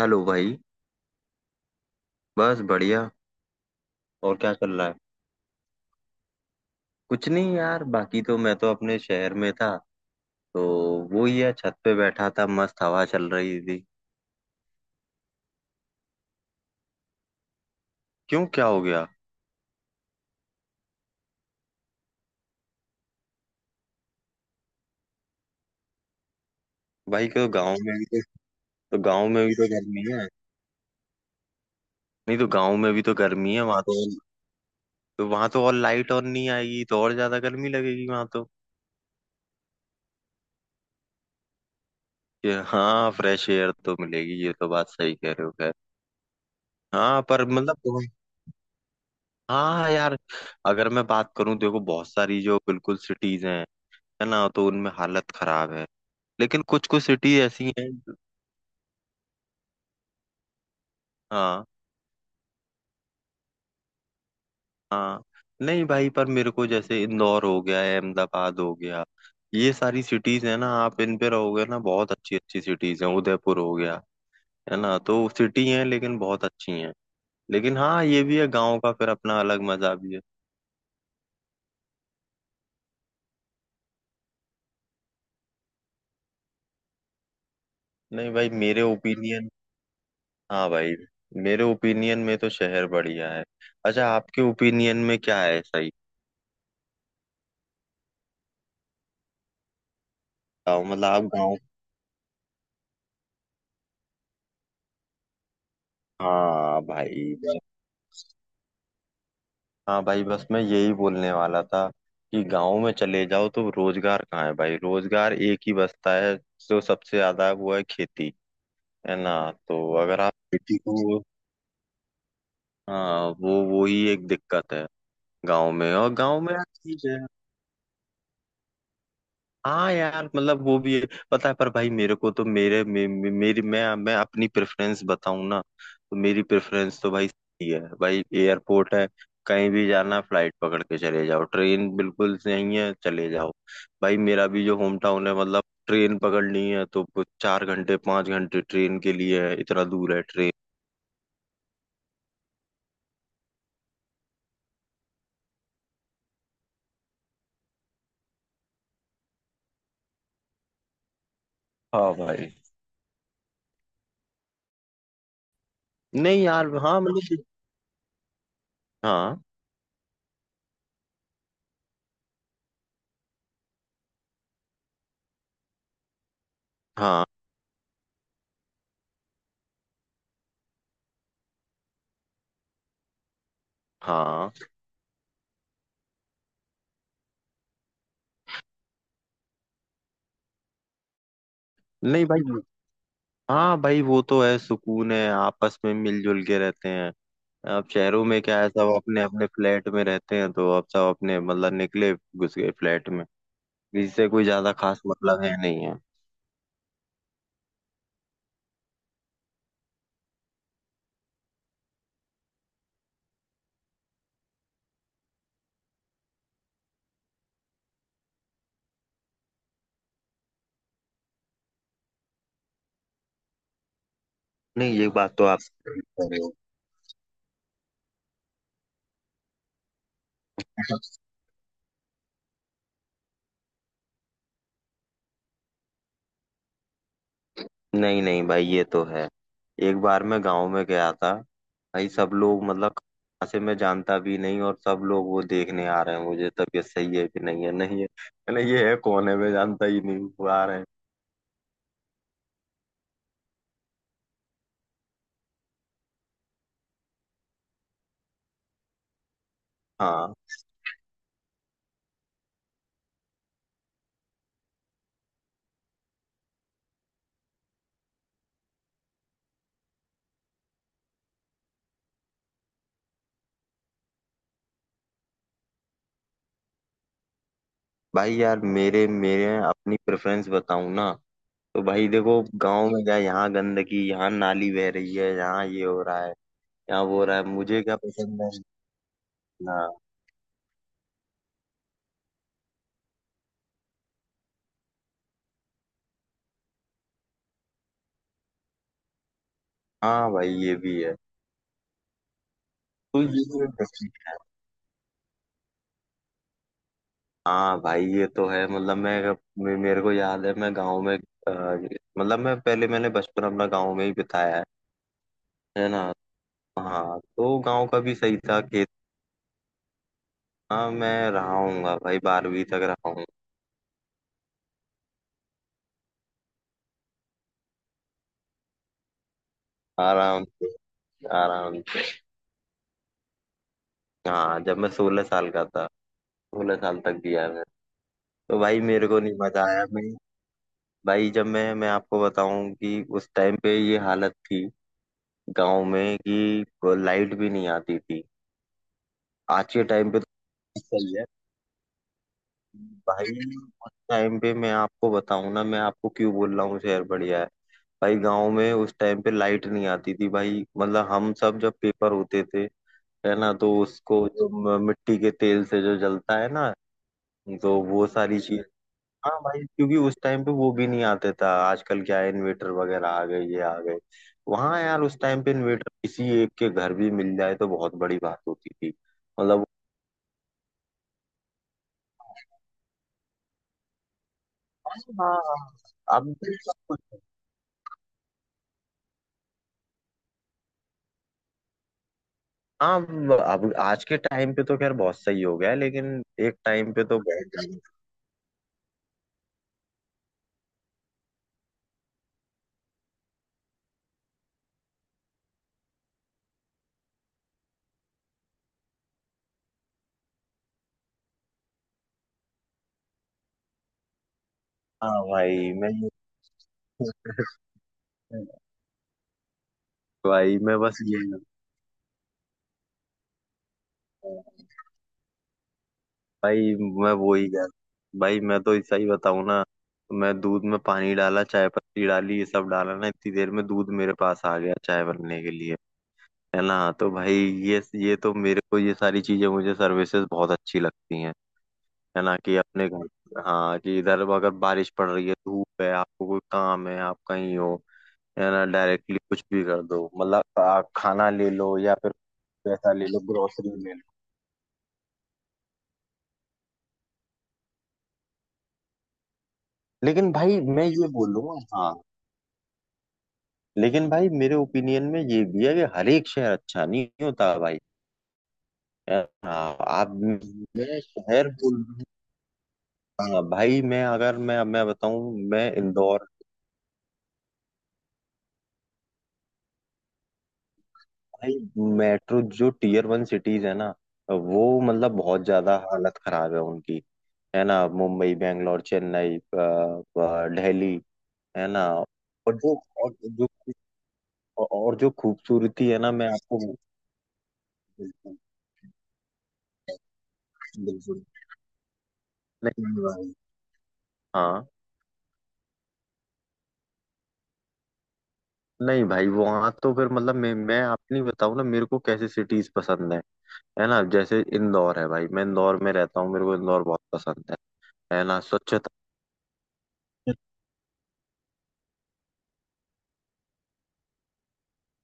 Hello भाई। बस बढ़िया। और क्या चल रहा है? कुछ नहीं यार, बाकी तो मैं तो अपने शहर में था, तो वो ही है, छत पे बैठा था, मस्त हवा चल रही थी। क्यों, क्या हो गया? भाई को गांव में भी तो गांव में भी तो गर्मी है। नहीं, तो गांव में भी तो गर्मी है वहां, तो वहां तो और लाइट ऑन नहीं आएगी, तो और ज्यादा गर्मी लगेगी वहां तो। ये, हाँ, फ्रेश एयर तो मिलेगी, ये तो बात सही कह रहे हो। खैर, हाँ, पर मतलब, हाँ यार, अगर मैं बात करूं, देखो बहुत सारी जो बिल्कुल सिटीज हैं, है ना, तो उनमें हालत खराब है। लेकिन कुछ कुछ सिटी ऐसी हैं। हाँ, हाँ। नहीं भाई, पर मेरे को जैसे इंदौर हो गया है, अहमदाबाद हो गया, ये सारी सिटीज है ना, आप इन पे रहोगे ना, बहुत अच्छी अच्छी सिटीज हैं, उदयपुर हो गया, है ना, तो सिटी हैं लेकिन बहुत अच्छी हैं। लेकिन हाँ, ये भी है, गाँव का फिर अपना अलग मजा भी है। नहीं भाई, मेरे ओपिनियन, हाँ भाई, मेरे ओपिनियन में तो शहर बढ़िया है। अच्छा, आपके ओपिनियन में क्या है? सही बताओ, मतलब आप गाँव। हाँ भाई। हाँ भाई, बस मैं यही बोलने वाला था कि गांव में चले जाओ तो रोजगार कहाँ है? भाई, रोजगार एक ही बचता है, जो सबसे ज्यादा वो है खेती। है ना, तो अगर आप खेती को, हाँ वो ही एक दिक्कत है गांव में। और गांव में यार ठीक है। हाँ यार, मतलब वो भी है, पता है, पर भाई मेरे को तो मेरे मे, मे, मेरी मैं अपनी प्रेफरेंस बताऊं ना, तो मेरी प्रेफरेंस तो भाई सही है भाई, एयरपोर्ट है, कहीं भी जाना है फ्लाइट पकड़ के चले जाओ, ट्रेन बिल्कुल नहीं है, चले जाओ। भाई मेरा भी जो होम टाउन है, मतलब ट्रेन पकड़नी है तो कुछ 4 घंटे 5 घंटे ट्रेन के लिए है, इतना दूर है ट्रेन। हाँ भाई। नहीं यार, हाँ मतलब, हाँ, हाँ, हाँ, नहीं भाई। हाँ भाई, वो तो है, सुकून है, आपस में मिलजुल के रहते हैं। अब शहरों में क्या है, सब अपने अपने फ्लैट में रहते हैं, तो अब सब अपने मतलब निकले घुस गए फ्लैट में। किसी से कोई ज्यादा खास मतलब है नहीं है। नहीं, ये बात तो आप सही कह रहे हो। नहीं नहीं भाई, ये तो है। एक बार मैं गांव में गया था, भाई सब लोग, मतलब कहाँ से, मैं जानता भी नहीं, और सब लोग वो देखने आ रहे हैं मुझे, तबीयत सही है कि नहीं है नहीं है। मैंने ये है कौन है, मैं जानता ही नहीं हूँ, वो आ रहे हैं। हाँ भाई यार, मेरे मेरे अपनी प्रेफरेंस बताऊं ना, तो भाई देखो गांव में क्या, यहाँ गंदगी, यहाँ नाली बह रही है, यहाँ ये हो रहा है, यहाँ वो हो रहा है, मुझे क्या पसंद है ना। हाँ भाई, ये भी है। तो ये भी एक हाँ भाई ये तो है, मतलब मैं, मेरे को याद है, मैं गांव में, मतलब मैं पहले, मैंने बचपन अपना गांव में ही बिताया है ना। हाँ तो गांव का भी सही था खेत। हाँ मैं रहा हूँगा भाई, 12वीं तक रहा हूँ। आराम से, आराम से। हाँ जब मैं 16 साल का था, 16 साल तक दिया है। तो भाई मेरे को नहीं मजा आया। मैं भाई जब मैं आपको बताऊं कि उस टाइम पे ये हालत थी गांव में कि लाइट भी नहीं आती थी। आज के टाइम पे तो सही है भाई। उस टाइम पे मैं आपको बताऊं ना, मैं आपको क्यों बोल रहा हूँ शहर बढ़िया है, भाई गांव में उस टाइम पे लाइट नहीं आती थी, भाई मतलब हम सब जब पेपर होते थे, है ना, तो उसको जो मिट्टी के तेल से जो जलता है ना, तो वो सारी चीज। हाँ भाई, क्योंकि उस टाइम पे वो भी नहीं आते था, आजकल क्या है इन्वेटर वगैरह आ गए, ये आ गए। वहाँ यार उस टाइम पे इन्वेटर किसी एक के घर भी मिल जाए तो बहुत बड़ी बात होती थी। मतलब, हाँ हाँ, अब, हाँ, अब आज के टाइम पे तो खैर बहुत सही हो गया है, लेकिन एक टाइम पे तो बहुत। हाँ भाई मैं, भाई मैं बस ये, भाई मैं वो ही कह, भाई मैं तो सही बताऊं ना, तो मैं दूध में पानी डाला, चाय पत्ती डाली, ये सब डाला ना, इतनी देर में दूध मेरे पास आ गया चाय बनने के लिए। है ना, तो भाई ये तो मेरे को ये सारी चीजें, मुझे सर्विसेज बहुत अच्छी लगती हैं। है ना, कि अपने घर, हाँ, कि इधर अगर बारिश पड़ रही है, धूप है, आपको कोई काम है, आप कहीं हो, है ना, डायरेक्टली कुछ भी कर दो, मतलब आप खाना ले लो, या फिर पैसा ले लो, ग्रोसरी ले लो। लेकिन भाई मैं ये बोलूंगा, हाँ लेकिन भाई, मेरे ओपिनियन में ये भी है कि हर एक शहर अच्छा नहीं होता भाई। हाँ आप, मैं शहर बोल, हाँ भाई मैं अगर मैं बताऊं, मैं इंदौर, भाई, मेट्रो जो टीयर वन सिटीज है ना, वो मतलब बहुत ज्यादा हालत खराब है उनकी। है ना, मुंबई, बैंगलोर, चेन्नई, दिल्ली। है ना, और जो, और जो, और जो खूबसूरती है ना, मैं आपको बिल्कुल, बिल्कुल। नहीं भाई, हाँ, नहीं भाई वहां तो, फिर मतलब मैं अपनी बताऊं ना, मेरे को कैसे सिटीज पसंद है। है ना, जैसे इंदौर है भाई, मैं इंदौर में रहता हूँ, मेरे को इंदौर बहुत पसंद है ना, स्वच्छता।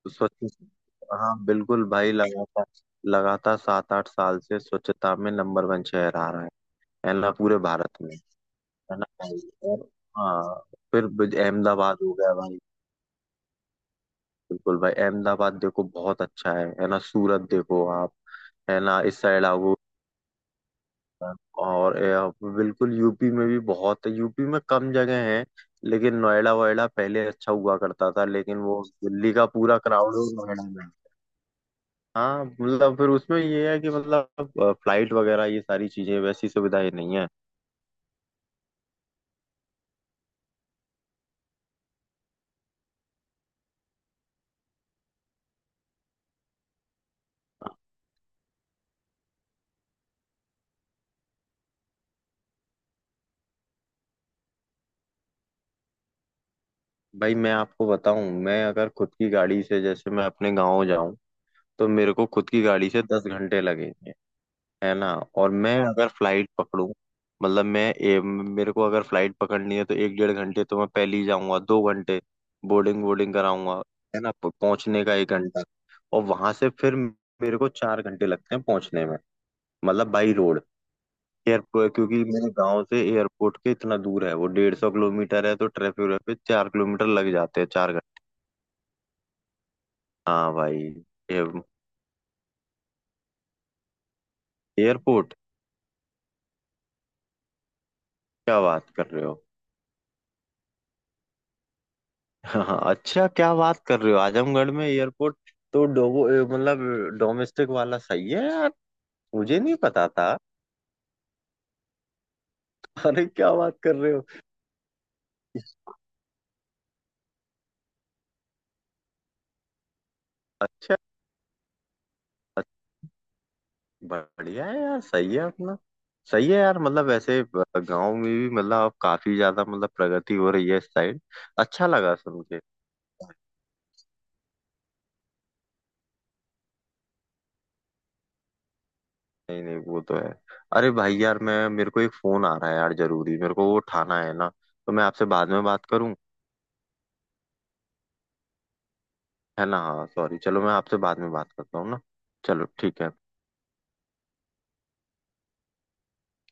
स्वच्छ, हाँ बिल्कुल भाई, लगातार, लगातार 7 8 साल से स्वच्छता में नंबर वन शहर आ रहा है ना, पूरे भारत में, है ना भाई। और, हाँ, फिर अहमदाबाद हो गया भाई। बिल्कुल भाई, अहमदाबाद देखो बहुत अच्छा है ना, सूरत देखो आप, है ना, इस साइड आओ। और बिल्कुल यूपी में भी बहुत, यूपी में कम जगह है, लेकिन नोएडा वोएडा पहले अच्छा हुआ करता था, लेकिन वो दिल्ली का पूरा क्राउड हो नोएडा में। हाँ मतलब फिर उसमें ये है कि मतलब फ्लाइट वगैरह ये सारी चीजें, वैसी सुविधाएं नहीं है। भाई मैं आपको बताऊं, मैं अगर खुद की गाड़ी से जैसे मैं अपने गांव जाऊं, तो मेरे को खुद की गाड़ी से 10 घंटे लगेंगे, है ना। और मैं अगर फ्लाइट पकड़ूं, मतलब मैं, मेरे को अगर फ्लाइट पकड़नी है तो एक डेढ़ घंटे तो मैं पहले ही जाऊंगा, 2 घंटे बोर्डिंग वोर्डिंग कराऊंगा, है ना, पहुंचने का एक घंटा, और वहां से फिर मेरे को 4 घंटे लगते हैं पहुंचने में, मतलब बाई रोड, एयरपोर्ट। क्योंकि मेरे गांव से एयरपोर्ट के इतना दूर है, वो 150 किलोमीटर है, तो ट्रैफिक पे 4 किलोमीटर लग जाते हैं, 4 घंटे। हाँ भाई, एयरपोर्ट, क्या बात कर रहे हो! हाँ हाँ, अच्छा क्या बात कर रहे हो, आजमगढ़ में एयरपोर्ट। तो मतलब डोमेस्टिक वाला सही है यार, मुझे नहीं पता था। अरे क्या बात कर रहे हो! अच्छा, अच्छा, बढ़िया है यार, सही है अपना। सही है यार, मतलब ऐसे गांव में भी मतलब अब काफी ज्यादा मतलब प्रगति हो रही है इस साइड। अच्छा लगा सुन के। नहीं नहीं, वो तो है। अरे भाई यार, मैं, मेरे को एक फोन आ रहा है यार जरूरी, मेरे को वो उठाना है ना, तो मैं आपसे बाद में बात करूं, है ना, हाँ सॉरी, चलो मैं आपसे बाद में बात करता हूँ ना। चलो ठीक है।